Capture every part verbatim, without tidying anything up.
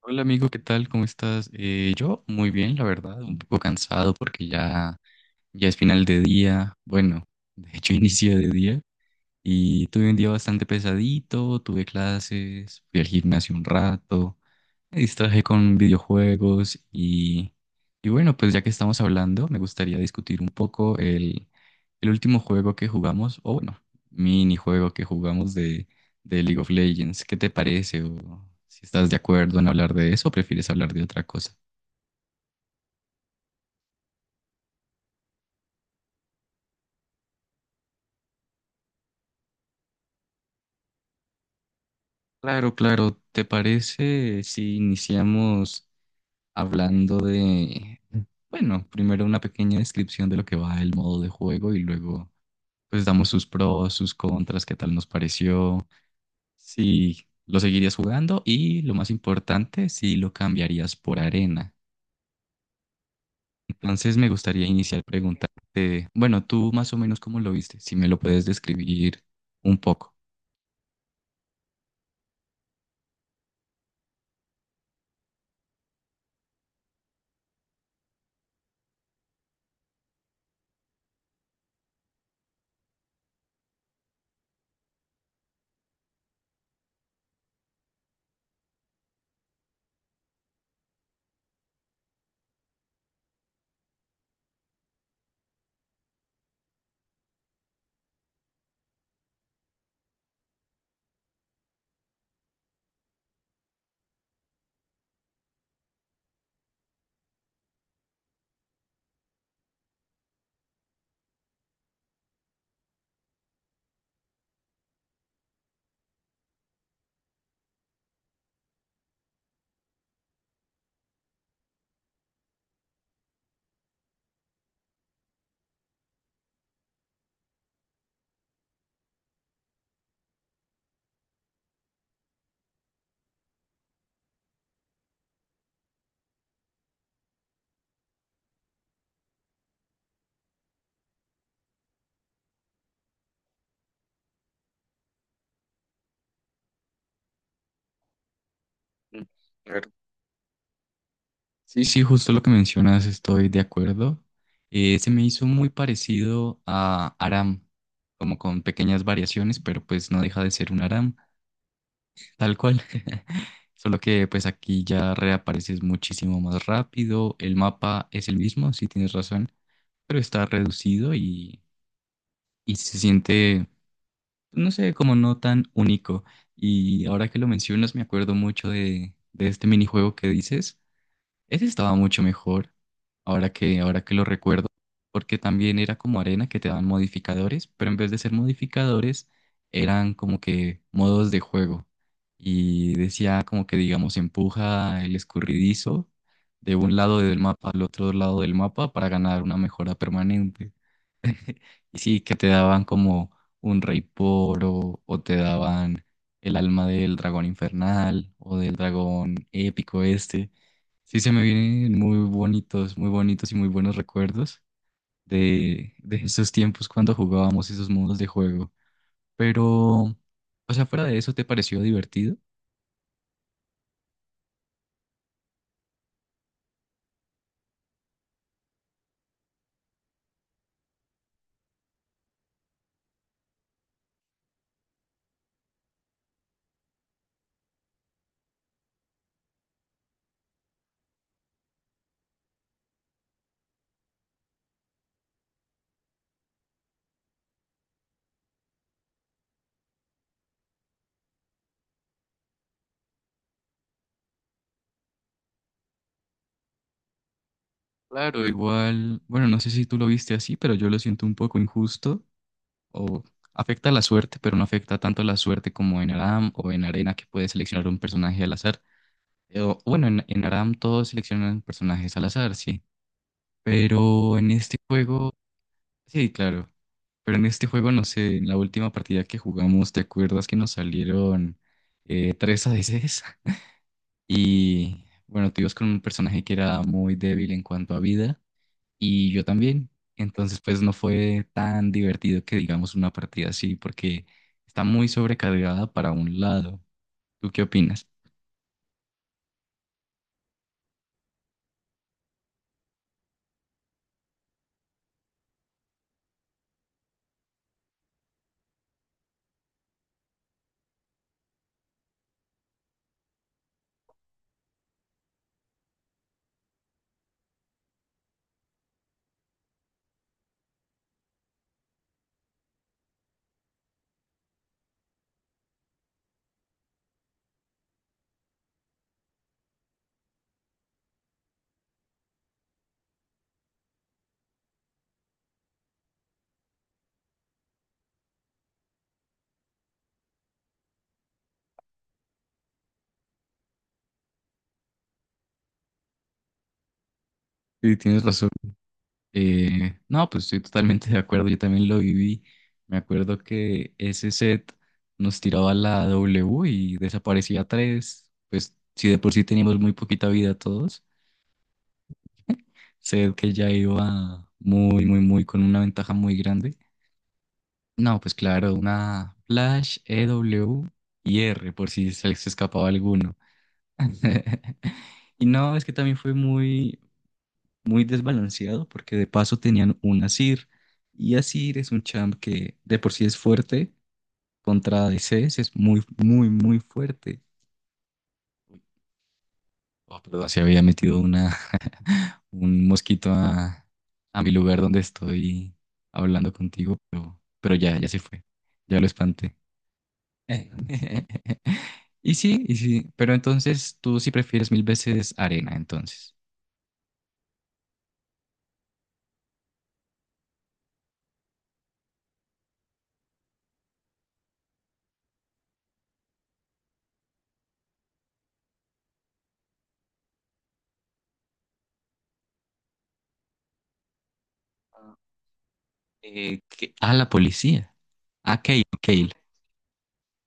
Hola amigo, ¿qué tal? ¿Cómo estás? Eh, yo muy bien, la verdad, un poco cansado porque ya, ya es final de día, bueno, de hecho inicio de día y tuve un día bastante pesadito, tuve clases, fui al gimnasio un rato, me distraje con videojuegos y, y bueno, pues ya que estamos hablando, me gustaría discutir un poco el, el último juego que jugamos, o bueno, minijuego que jugamos de, de League of Legends. ¿Qué te parece? O si estás de acuerdo en hablar de eso o prefieres hablar de otra cosa. Claro, claro, ¿te parece si iniciamos hablando de, bueno, primero una pequeña descripción de lo que va el modo de juego y luego pues damos sus pros, sus contras, ¿qué tal nos pareció? ¿Si lo seguirías jugando y lo más importante, si lo cambiarías por arena? Entonces me gustaría iniciar preguntarte, bueno, tú más o menos cómo lo viste, si me lo puedes describir un poco. Mm, claro. Sí, sí, justo lo que mencionas, estoy de acuerdo. Eh, se me hizo muy parecido a Aram, como con pequeñas variaciones, pero pues no deja de ser un Aram. Tal cual. Solo que pues aquí ya reapareces muchísimo más rápido. El mapa es el mismo, sí tienes razón, pero está reducido y, y se siente, no sé, como no tan único. Y ahora que lo mencionas, me acuerdo mucho de, de este minijuego que dices. Ese estaba mucho mejor, ahora que, ahora que lo recuerdo, porque también era como arena que te daban modificadores, pero en vez de ser modificadores, eran como que modos de juego. Y decía como que, digamos, empuja el escurridizo de un lado del mapa al otro lado del mapa para ganar una mejora permanente. Y sí, que te daban como un rey poro o te daban el alma del dragón infernal o del dragón épico este. Sí, se me vienen muy bonitos, muy bonitos y muy buenos recuerdos de, de esos tiempos cuando jugábamos esos modos de juego. Pero, o sea, fuera de eso, ¿te pareció divertido? Claro, igual, bueno, no sé si tú lo viste así, pero yo lo siento un poco injusto o afecta la suerte, pero no afecta tanto la suerte como en Aram o en Arena que puedes seleccionar un personaje al azar. Eh, O, bueno, en, en Aram todos seleccionan personajes al azar, sí, pero en este juego, sí, claro. Pero en este juego, no sé, en la última partida que jugamos, ¿te acuerdas que nos salieron eh, tres A D Ces? Y bueno, tú ibas con un personaje que era muy débil en cuanto a vida y yo también. Entonces, pues no fue tan divertido que digamos una partida así porque está muy sobrecargada para un lado. ¿Tú qué opinas? Sí, tienes razón. Eh, no, pues estoy totalmente de acuerdo, yo también lo viví. Me acuerdo que ese set nos tiraba la W y desaparecía tres. Pues si de por sí teníamos muy poquita vida todos, set que ya iba muy, muy, muy con una ventaja muy grande. No, pues claro, una Flash, E W y R por si se les escapaba alguno. Y no, es que también fue muy, muy desbalanceado porque de paso tenían un Asir y Asir es un champ que de por sí es fuerte contra D Ces, es muy muy muy fuerte. Oh, perdón, se había metido una un mosquito a, a mi lugar donde estoy hablando contigo, pero, pero ya ya se fue. Ya lo espanté. Y sí, y sí, pero entonces tú sí prefieres mil veces arena, entonces. Eh, que- a la policía. A Kale, Kale,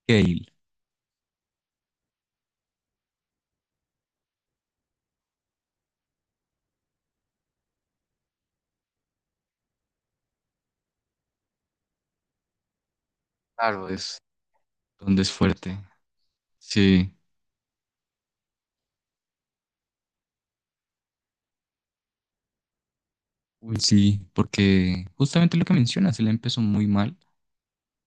Kale. Claro, es donde es fuerte. Sí, uy, sí, porque justamente lo que mencionas, él empezó muy mal,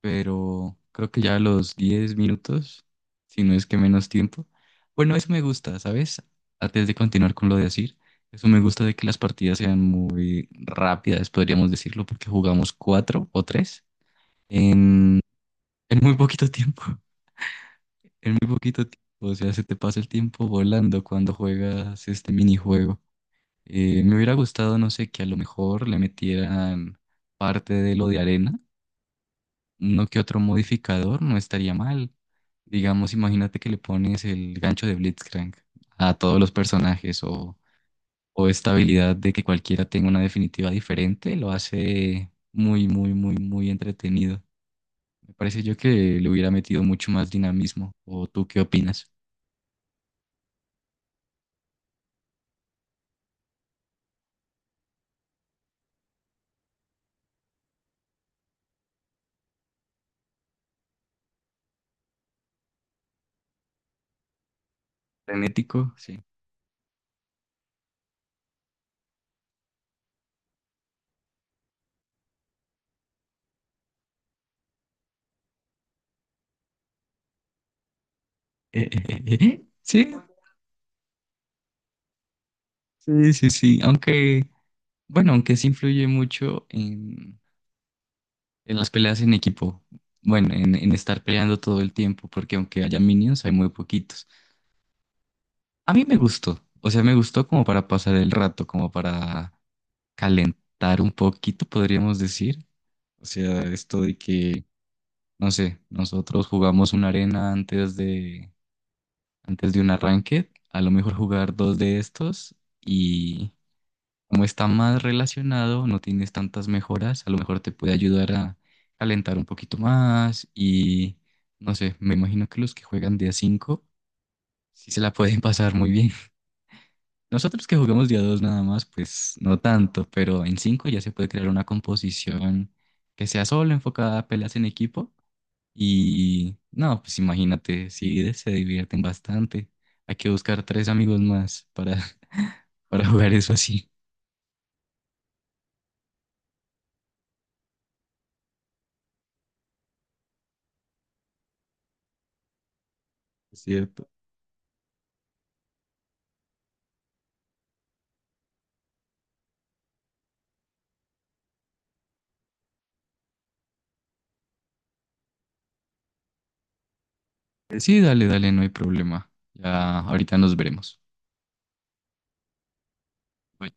pero creo que ya a los diez minutos, si no es que menos tiempo. Bueno, eso me gusta, ¿sabes? Antes de continuar con lo de decir, eso me gusta de que las partidas sean muy rápidas, podríamos decirlo, porque jugamos cuatro o tres en, en muy poquito tiempo, en muy poquito tiempo. O sea, se te pasa el tiempo volando cuando juegas este minijuego. Eh, me hubiera gustado, no sé, que a lo mejor le metieran parte de lo de arena, no que otro modificador, no estaría mal. Digamos, imagínate que le pones el gancho de Blitzcrank a todos los personajes o, o esta habilidad de que cualquiera tenga una definitiva diferente, lo hace muy, muy, muy, muy entretenido. Me parece yo que le hubiera metido mucho más dinamismo. ¿O tú qué opinas? Frenético, sí. Sí, sí, sí, sí. Aunque... bueno, aunque sí influye mucho en, en las peleas en equipo. Bueno, en, en estar peleando todo el tiempo, porque aunque haya minions, hay muy poquitos. A mí me gustó, o sea, me gustó como para pasar el rato, como para calentar un poquito, podríamos decir. O sea, esto de que, no sé, nosotros jugamos una arena antes de, antes de un arranque, a lo mejor jugar dos de estos. Como está más relacionado, no tienes tantas mejoras, a lo mejor te puede ayudar a calentar un poquito más y no sé, me imagino que los que juegan día cinco sí se la pueden pasar muy bien. Nosotros que jugamos día dos nada más, pues no tanto, pero en cinco ya se puede crear una composición que sea solo enfocada a peleas en equipo y no, pues imagínate, sí se divierten bastante. Hay que buscar tres amigos más para, para jugar eso así, ¿cierto? Sí, dale, dale, no hay problema. Ya ahorita nos veremos. Bye.